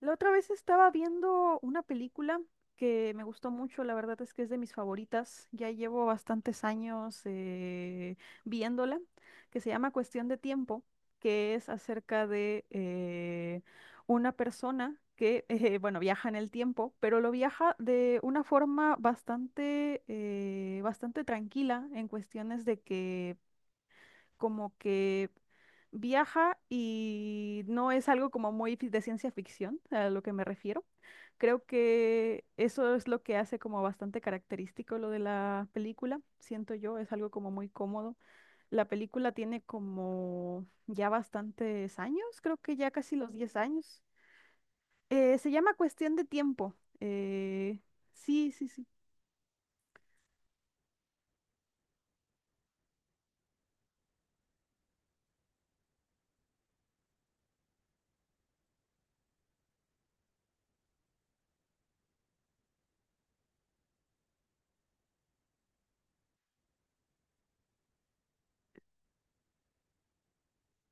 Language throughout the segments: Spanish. La otra vez estaba viendo una película que me gustó mucho, la verdad es que es de mis favoritas, ya llevo bastantes años viéndola, que se llama Cuestión de Tiempo, que es acerca de una persona que, bueno, viaja en el tiempo, pero lo viaja de una forma bastante, bastante tranquila en cuestiones de que como que viaja y no es algo como muy de ciencia ficción, a lo que me refiero. Creo que eso es lo que hace como bastante característico lo de la película, siento yo, es algo como muy cómodo. La película tiene como ya bastantes años, creo que ya casi los 10 años. Se llama Cuestión de Tiempo. Sí, sí, sí.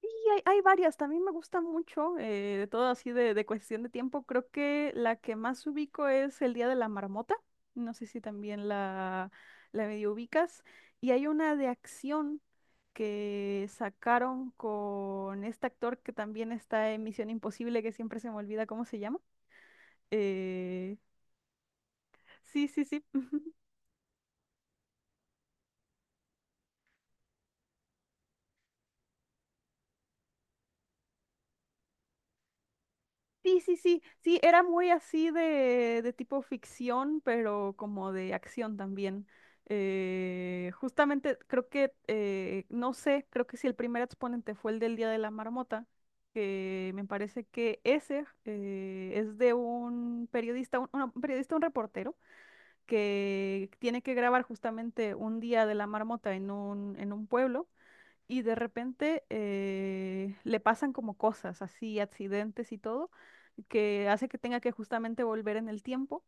Sí, hay varias, también me gusta mucho, de todo así de cuestión de tiempo. Creo que la que más ubico es El Día de la Marmota. No sé si también la medio ubicas. Y hay una de acción que sacaron con este actor que también está en Misión Imposible, que siempre se me olvida cómo se llama. Eh, sí, sí, sí. Sí, sí, sí, sí, era muy así de tipo ficción, pero como de acción también. Justamente creo que, no sé, creo que si el primer exponente fue el del Día de la Marmota, que me parece que ese es de un periodista, un periodista, un reportero, que tiene que grabar justamente un Día de la Marmota en en un pueblo y de repente le pasan como cosas así, accidentes y todo, que hace que tenga que justamente volver en el tiempo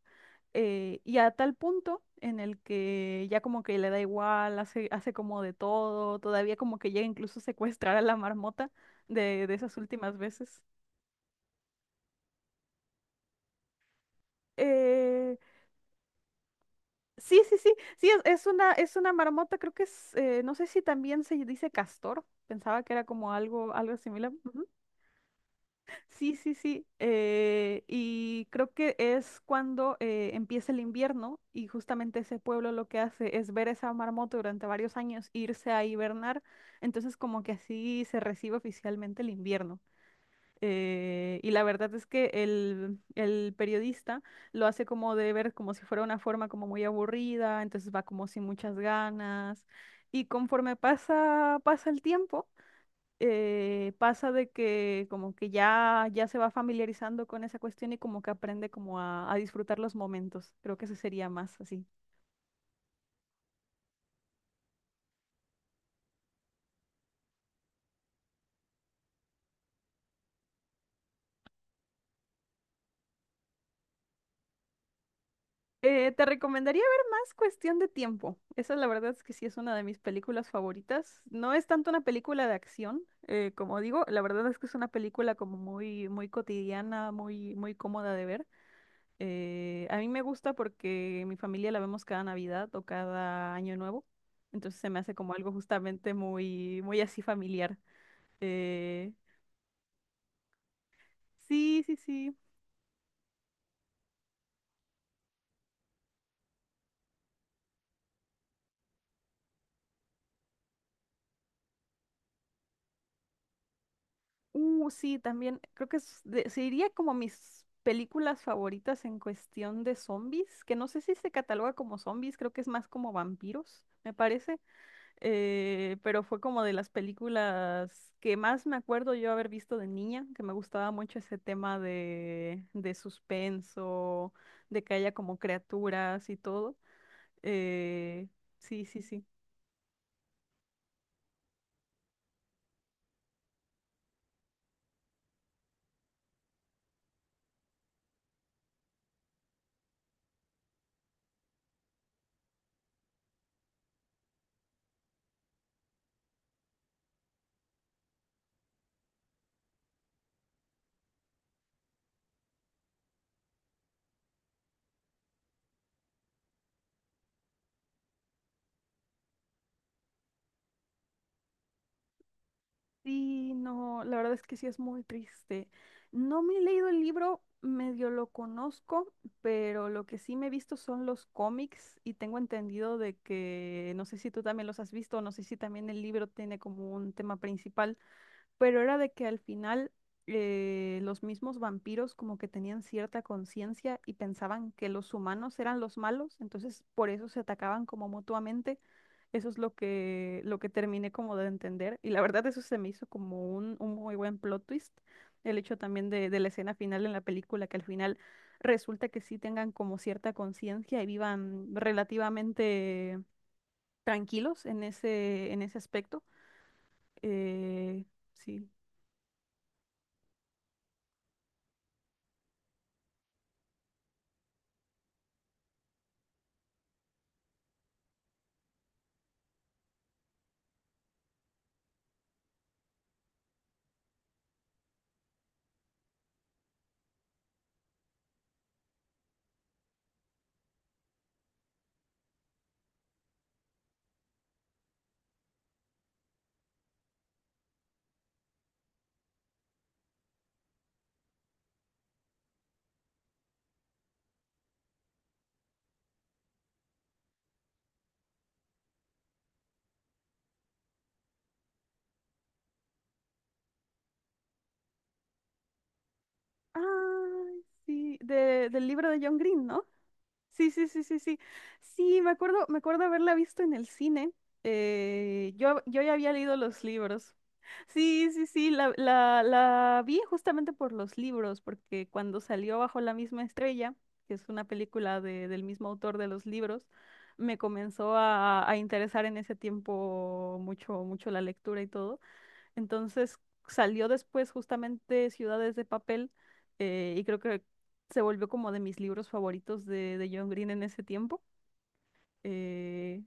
y a tal punto en el que ya como que le da igual, hace, hace como de todo, todavía como que llega incluso a secuestrar a la marmota de esas últimas veces. Eh, sí, sí, sí, sí, es una marmota, creo que es, no sé si también se dice castor, pensaba que era como algo, algo similar. Sí, sí, sí. Y creo que es cuando empieza el invierno y justamente ese pueblo lo que hace es ver esa marmota durante varios años, irse a hibernar. Entonces como que así se recibe oficialmente el invierno. Y la verdad es que el periodista lo hace como de ver como si fuera una forma como muy aburrida, entonces va como sin muchas ganas. Y conforme pasa, pasa el tiempo pasa de que como que ya, ya se va familiarizando con esa cuestión y como que aprende como a disfrutar los momentos. Creo que eso sería más así. Te recomendaría ver más Cuestión de Tiempo. Esa la verdad es que sí es una de mis películas favoritas. No es tanto una película de acción, como digo, la verdad es que es una película como muy, muy cotidiana, muy, muy cómoda de ver. A mí me gusta porque mi familia la vemos cada Navidad o cada Año Nuevo, entonces se me hace como algo justamente muy, muy así familiar. Eh, sí, sí, sí. Sí, también creo que es se diría como mis películas favoritas en cuestión de zombies, que no sé si se cataloga como zombies, creo que es más como vampiros, me parece. Pero fue como de las películas que más me acuerdo yo haber visto de niña, que me gustaba mucho ese tema de suspenso, de que haya como criaturas y todo. Eh, sí, sí, sí. Sí, no, la verdad es que sí es muy triste. No me he leído el libro, medio lo conozco, pero lo que sí me he visto son los cómics y tengo entendido de que, no sé si tú también los has visto, no sé si también el libro tiene como un tema principal. Pero era de que al final los mismos vampiros como que tenían cierta conciencia y pensaban que los humanos eran los malos, entonces por eso se atacaban como mutuamente. Eso es lo que terminé como de entender. Y la verdad eso se me hizo como un muy buen plot twist. El hecho también de la escena final en la película, que al final resulta que sí tengan como cierta conciencia y vivan relativamente tranquilos en ese aspecto. Eh, sí. Ay, sí, del libro de John Green, ¿no? Sí, sí, sí, sí, sí. Sí, me acuerdo haberla visto en el cine. Yo ya había leído los libros. Sí, sí, sí, la vi justamente por los libros, porque cuando salió Bajo la misma estrella, que es una película del mismo autor de los libros, me comenzó a interesar en ese tiempo mucho, mucho la lectura y todo. Entonces salió después justamente Ciudades de Papel y creo que se volvió como de mis libros favoritos de John Green en ese tiempo. Eh,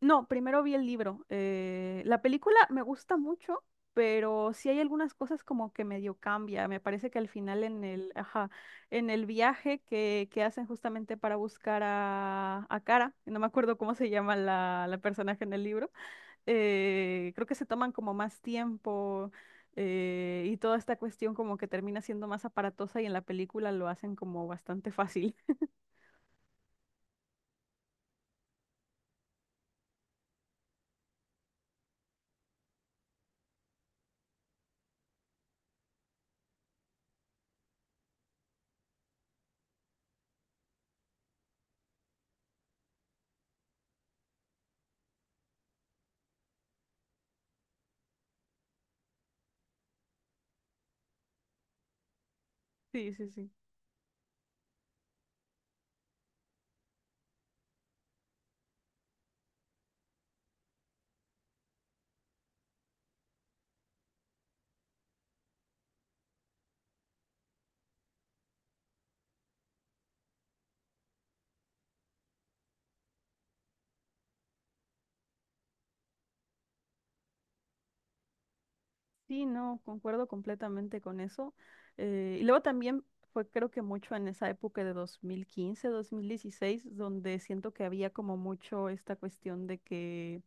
no, primero vi el libro. La película me gusta mucho, pero sí hay algunas cosas como que medio cambia. Me parece que al final en el, ajá, en el viaje que hacen justamente para buscar a Cara, no me acuerdo cómo se llama la personaje en el libro creo que se toman como más tiempo y toda esta cuestión como que termina siendo más aparatosa y en la película lo hacen como bastante fácil. Sí, sí, sí. Sí, no, concuerdo completamente con eso. Y luego también fue creo que mucho en esa época de 2015, 2016, donde siento que había como mucho esta cuestión de que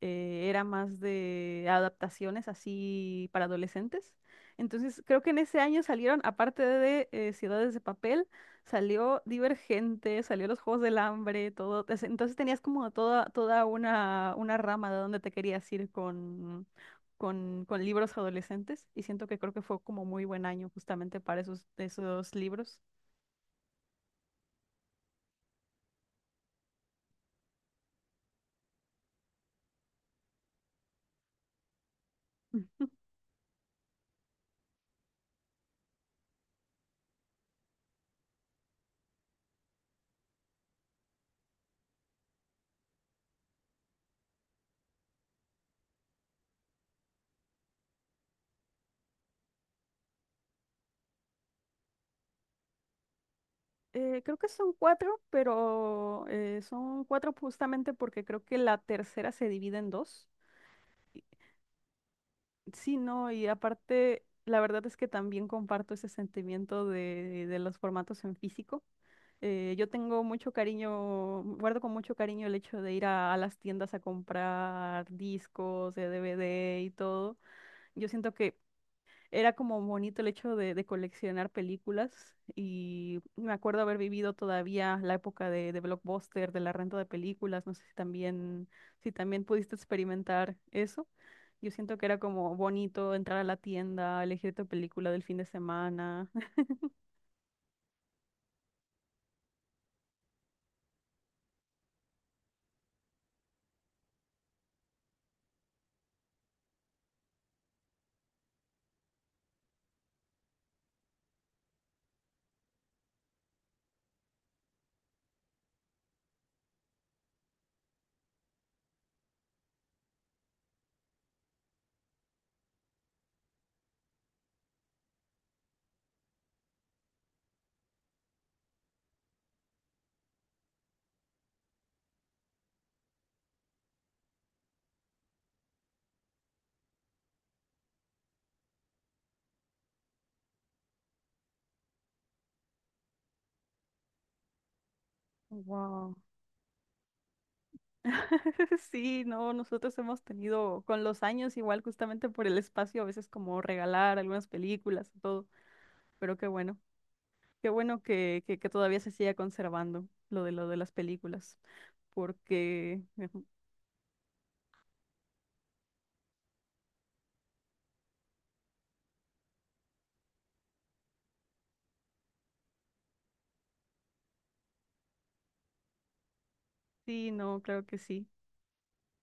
era más de adaptaciones así para adolescentes. Entonces, creo que en ese año salieron, aparte de Ciudades de Papel, salió Divergente, salió Los Juegos del Hambre, todo. Entonces tenías como toda, toda una rama de donde te querías ir con libros adolescentes y siento que creo que fue como muy buen año justamente para esos, esos libros. Creo que son cuatro, pero son cuatro justamente porque creo que la tercera se divide en dos. Y, sí, no, y aparte, la verdad es que también comparto ese sentimiento de los formatos en físico. Yo tengo mucho cariño, guardo con mucho cariño el hecho de ir a las tiendas a comprar discos de DVD y todo. Yo siento que era como bonito el hecho de coleccionar películas y me acuerdo haber vivido todavía la época de Blockbuster, de la renta de películas, no sé si también, si también pudiste experimentar eso. Yo siento que era como bonito entrar a la tienda, elegir tu película del fin de semana. Wow. Sí, no, nosotros hemos tenido con los años igual justamente por el espacio, a veces como regalar algunas películas y todo, pero qué bueno. Qué bueno que todavía se siga conservando lo de las películas, porque ujú, sí, no, claro que sí.